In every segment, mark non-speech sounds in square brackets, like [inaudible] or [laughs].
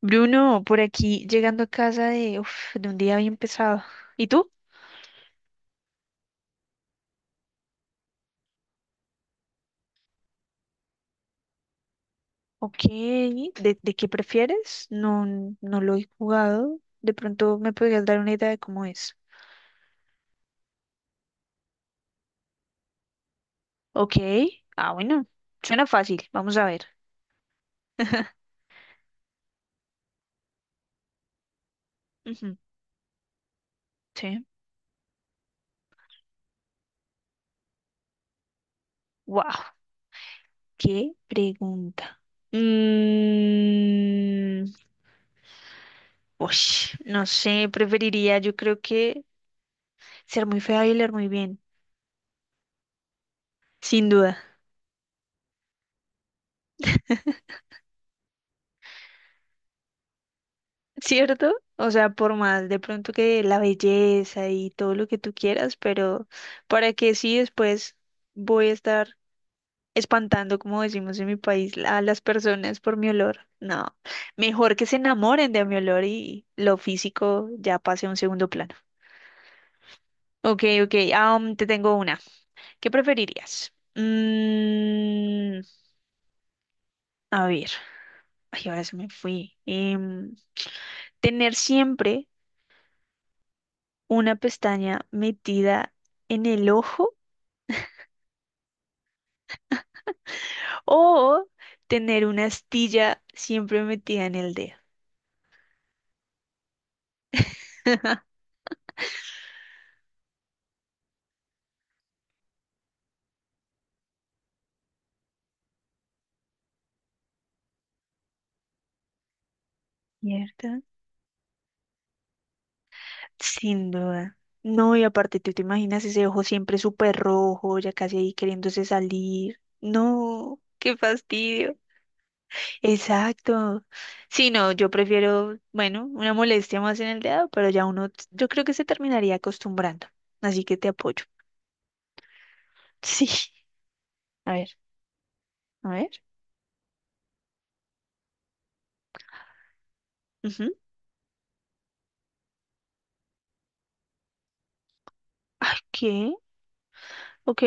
Bruno, por aquí llegando a casa de un día bien pesado. ¿Y tú? Ok, ¿de qué prefieres? No, no lo he jugado. De pronto me podrías dar una idea de cómo es. Ok, ah, bueno, suena fácil. Vamos a ver. [laughs] Ujú, sí. Wow, qué pregunta. Mm, no sé, preferiría yo creo que ser muy fea y leer muy bien, sin duda. ¿Cierto? O sea, por más de pronto que la belleza y todo lo que tú quieras, pero para que sí después voy a estar espantando, como decimos en mi país, a las personas por mi olor. No, mejor que se enamoren de mi olor y lo físico ya pase a un segundo plano. Ok, ok, te tengo una. ¿Qué preferirías? A ver, ay, ahora se me fui. Tener siempre una pestaña metida en el ojo o tener una astilla siempre metida en el dedo. ¿Cierto? Sin duda. No, y aparte, ¿tú te imaginas ese ojo siempre súper rojo, ya casi ahí queriéndose salir? No, qué fastidio. Exacto. Sí, no, yo prefiero, bueno, una molestia más en el dedo, pero ya uno, yo creo que se terminaría acostumbrando. Así que te apoyo. [laughs] Sí. A ver, a ver. Ujú. Ay, ¿qué? Ok.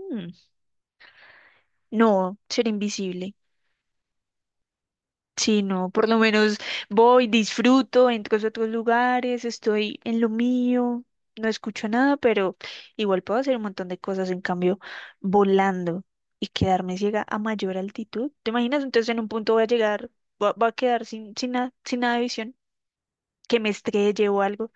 Mm, No, ser invisible. Sí, no, por lo menos voy, disfruto, entro a otros lugares, estoy en lo mío, no escucho nada, pero igual puedo hacer un montón de cosas, en cambio, volando y quedarme ciega a mayor altitud. ¿Te imaginas? Entonces en un punto voy a llegar, va a quedar sin, sin, nada, sin nada de visión, que me estrelle o algo.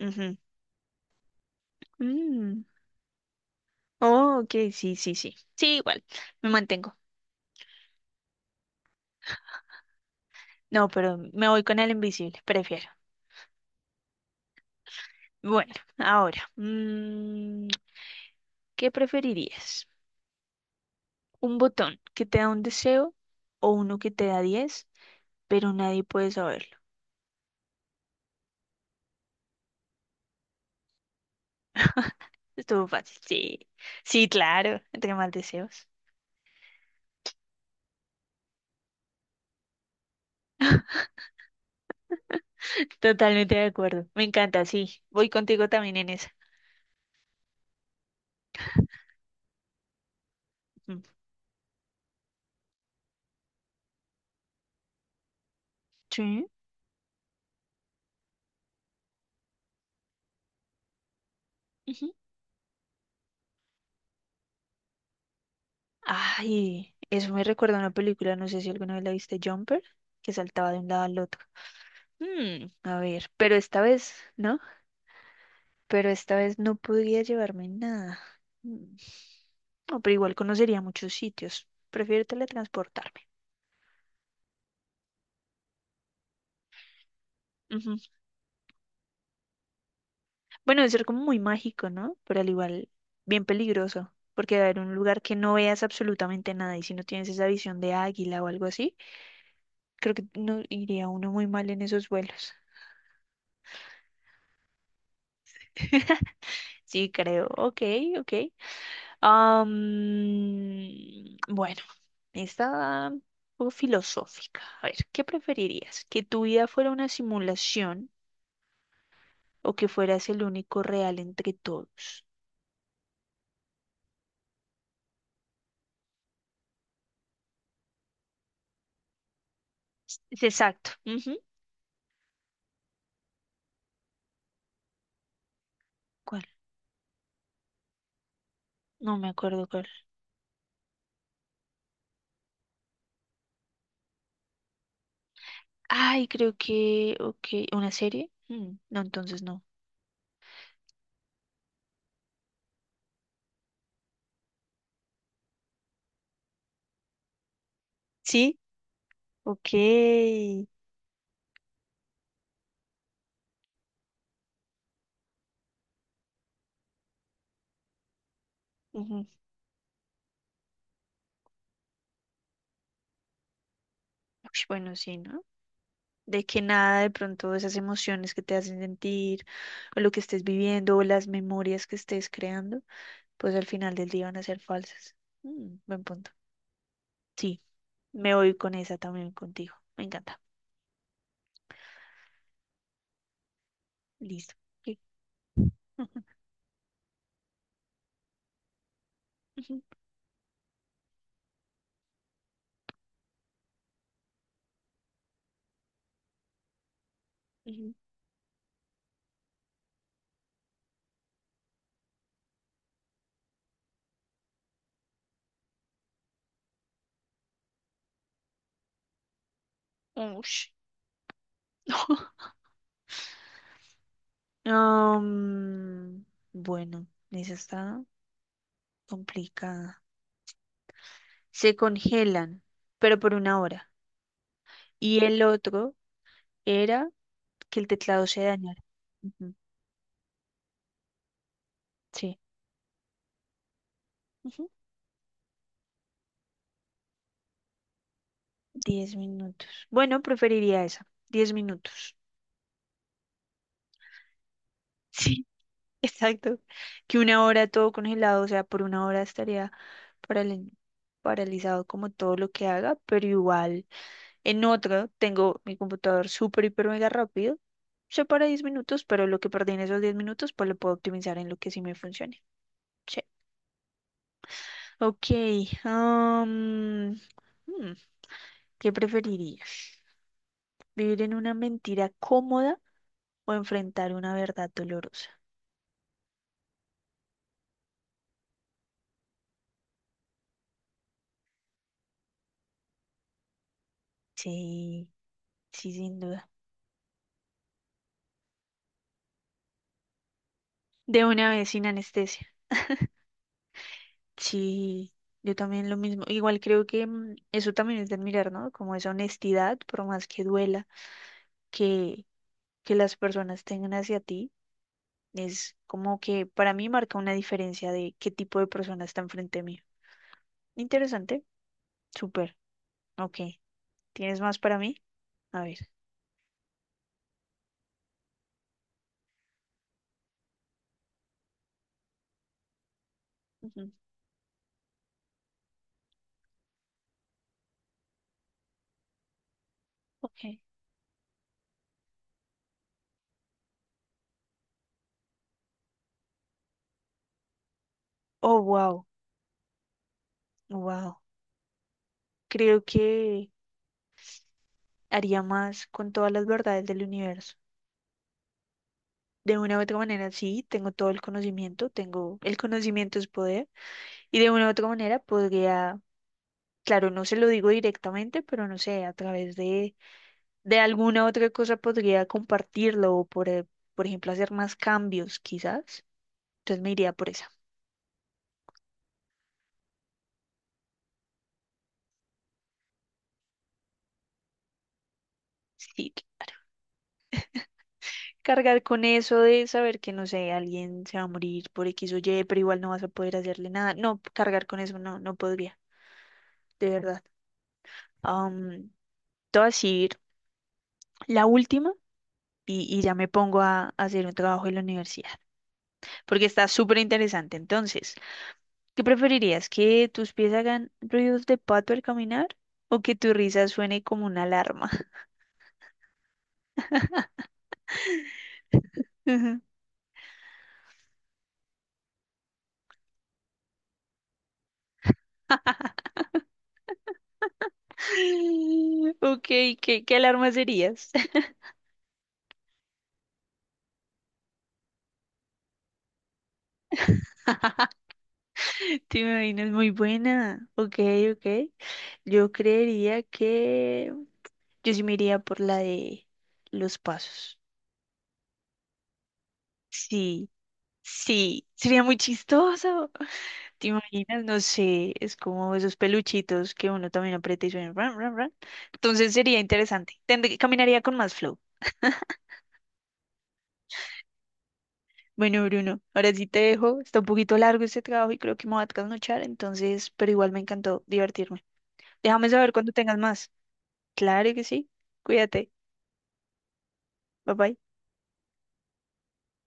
Ujú. Mm. Oh, ok, sí, sí, sí. Sí, igual, me mantengo. No, pero me voy con el invisible, prefiero. Bueno, ahora, ¿qué preferirías? Un botón que te da un deseo o uno que te da 10 pero nadie puede saberlo. Estuvo fácil. Sí, sí, claro, entre más deseos. Totalmente de acuerdo. Me encanta, sí. Voy contigo también en esa. Mm. Sí. Ujú. Ay, eso me recuerda a una película, no sé si alguna vez la viste, Jumper, que saltaba de un lado al otro. A ver, pero esta vez, ¿no? Pero esta vez no podría llevarme nada. Mm. No, pero igual conocería muchos sitios. Prefiero teletransportarme. Bueno, debe ser como muy mágico, ¿no? Pero al igual, bien peligroso, porque va a haber un lugar que no veas absolutamente nada y si no tienes esa visión de águila o algo así, creo que no iría uno muy mal en esos vuelos. [laughs] Sí, creo. Ok, ok. Bueno, esta un poco filosófica. A ver, ¿qué preferirías? ¿Que tu vida fuera una simulación o que fueras el único real entre todos? Es exacto. Ujú. ¿Cuál? No me acuerdo. Ay, creo que, ok, ¿una serie? Mm, no, entonces no. Sí, ok. Ujú. Ush, bueno, sí, ¿no? De que nada de pronto esas emociones que te hacen sentir, o lo que estés viviendo, o las memorias que estés creando, pues al final del día van a ser falsas. Mm, buen punto. Sí, me voy con esa también contigo. Me encanta. Listo. Sí. Ujú, ujú, ujú. Ush. [laughs] Um, bueno, esa está complicada. Se congelan, pero por una hora. Y el otro era que el teclado se dañara. Ujú, sí. Ujú. Diez minutos. Bueno, preferiría esa. Diez minutos. Sí, [laughs] exacto. Que una hora todo congelado, o sea, por una hora estaría paral- paralizado como todo lo que haga, pero igual. En otro, tengo mi computador súper, hiper, mega rápido. Se para 10 minutos, pero lo que perdí en esos diez minutos, pues lo puedo optimizar en lo que sí me funcione. Sí. Ok. am, hmm, ¿Qué preferirías? ¿Vivir en una mentira cómoda o enfrentar una verdad dolorosa? Sí, sí, sin duda. De una vez sin anestesia. Sí, yo también lo mismo. Igual creo que eso también es de admirar, ¿no? Como esa honestidad, por más que duela, que, que las personas tengan hacia ti, es como que para mí marca una diferencia de qué tipo de persona está enfrente mío. Interesante, súper, ok. ¿Tienes más para mí? A ver. Ujú, ok. Oh, wow, wow. Creo que haría más con todas las verdades del universo. De una u otra manera, sí, tengo todo el conocimiento, tengo el conocimiento es poder, y de una u otra manera podría, claro, no se lo digo directamente, pero no sé, a través de alguna otra cosa podría compartirlo por ejemplo hacer más cambios, quizás. Entonces me iría por esa. Sí. Cargar con eso de saber que, no sé, alguien se va a morir por X o Y, pero igual no vas a poder hacerle nada. No, cargar con eso no, no podría, de verdad. Um, Te voy a decir la última y ya me pongo a hacer un trabajo en la universidad, porque está súper interesante. Entonces, ¿qué preferirías? ¿Que tus pies hagan ruidos de pato al caminar o que tu risa suene como una alarma? [laughs] Ok, ¿qué alarma serías? [laughs] Te imaginas, muy buena. Ok, ok. Yo creería que yo sí me iría por la de los pasos. Sí, sí, sería muy chistoso. ¿Te imaginas? No sé, es como esos peluchitos que uno también aprieta y suena ran, ran, ran. Entonces sería interesante. Caminaría con más flow. Bueno, Bruno, ahora sí te dejo. Está un poquito largo este trabajo y creo que me voy a trasnochar, entonces, pero igual me encantó divertirme. Déjame saber cuando tengas más. Claro que sí. Cuídate. Bye bye.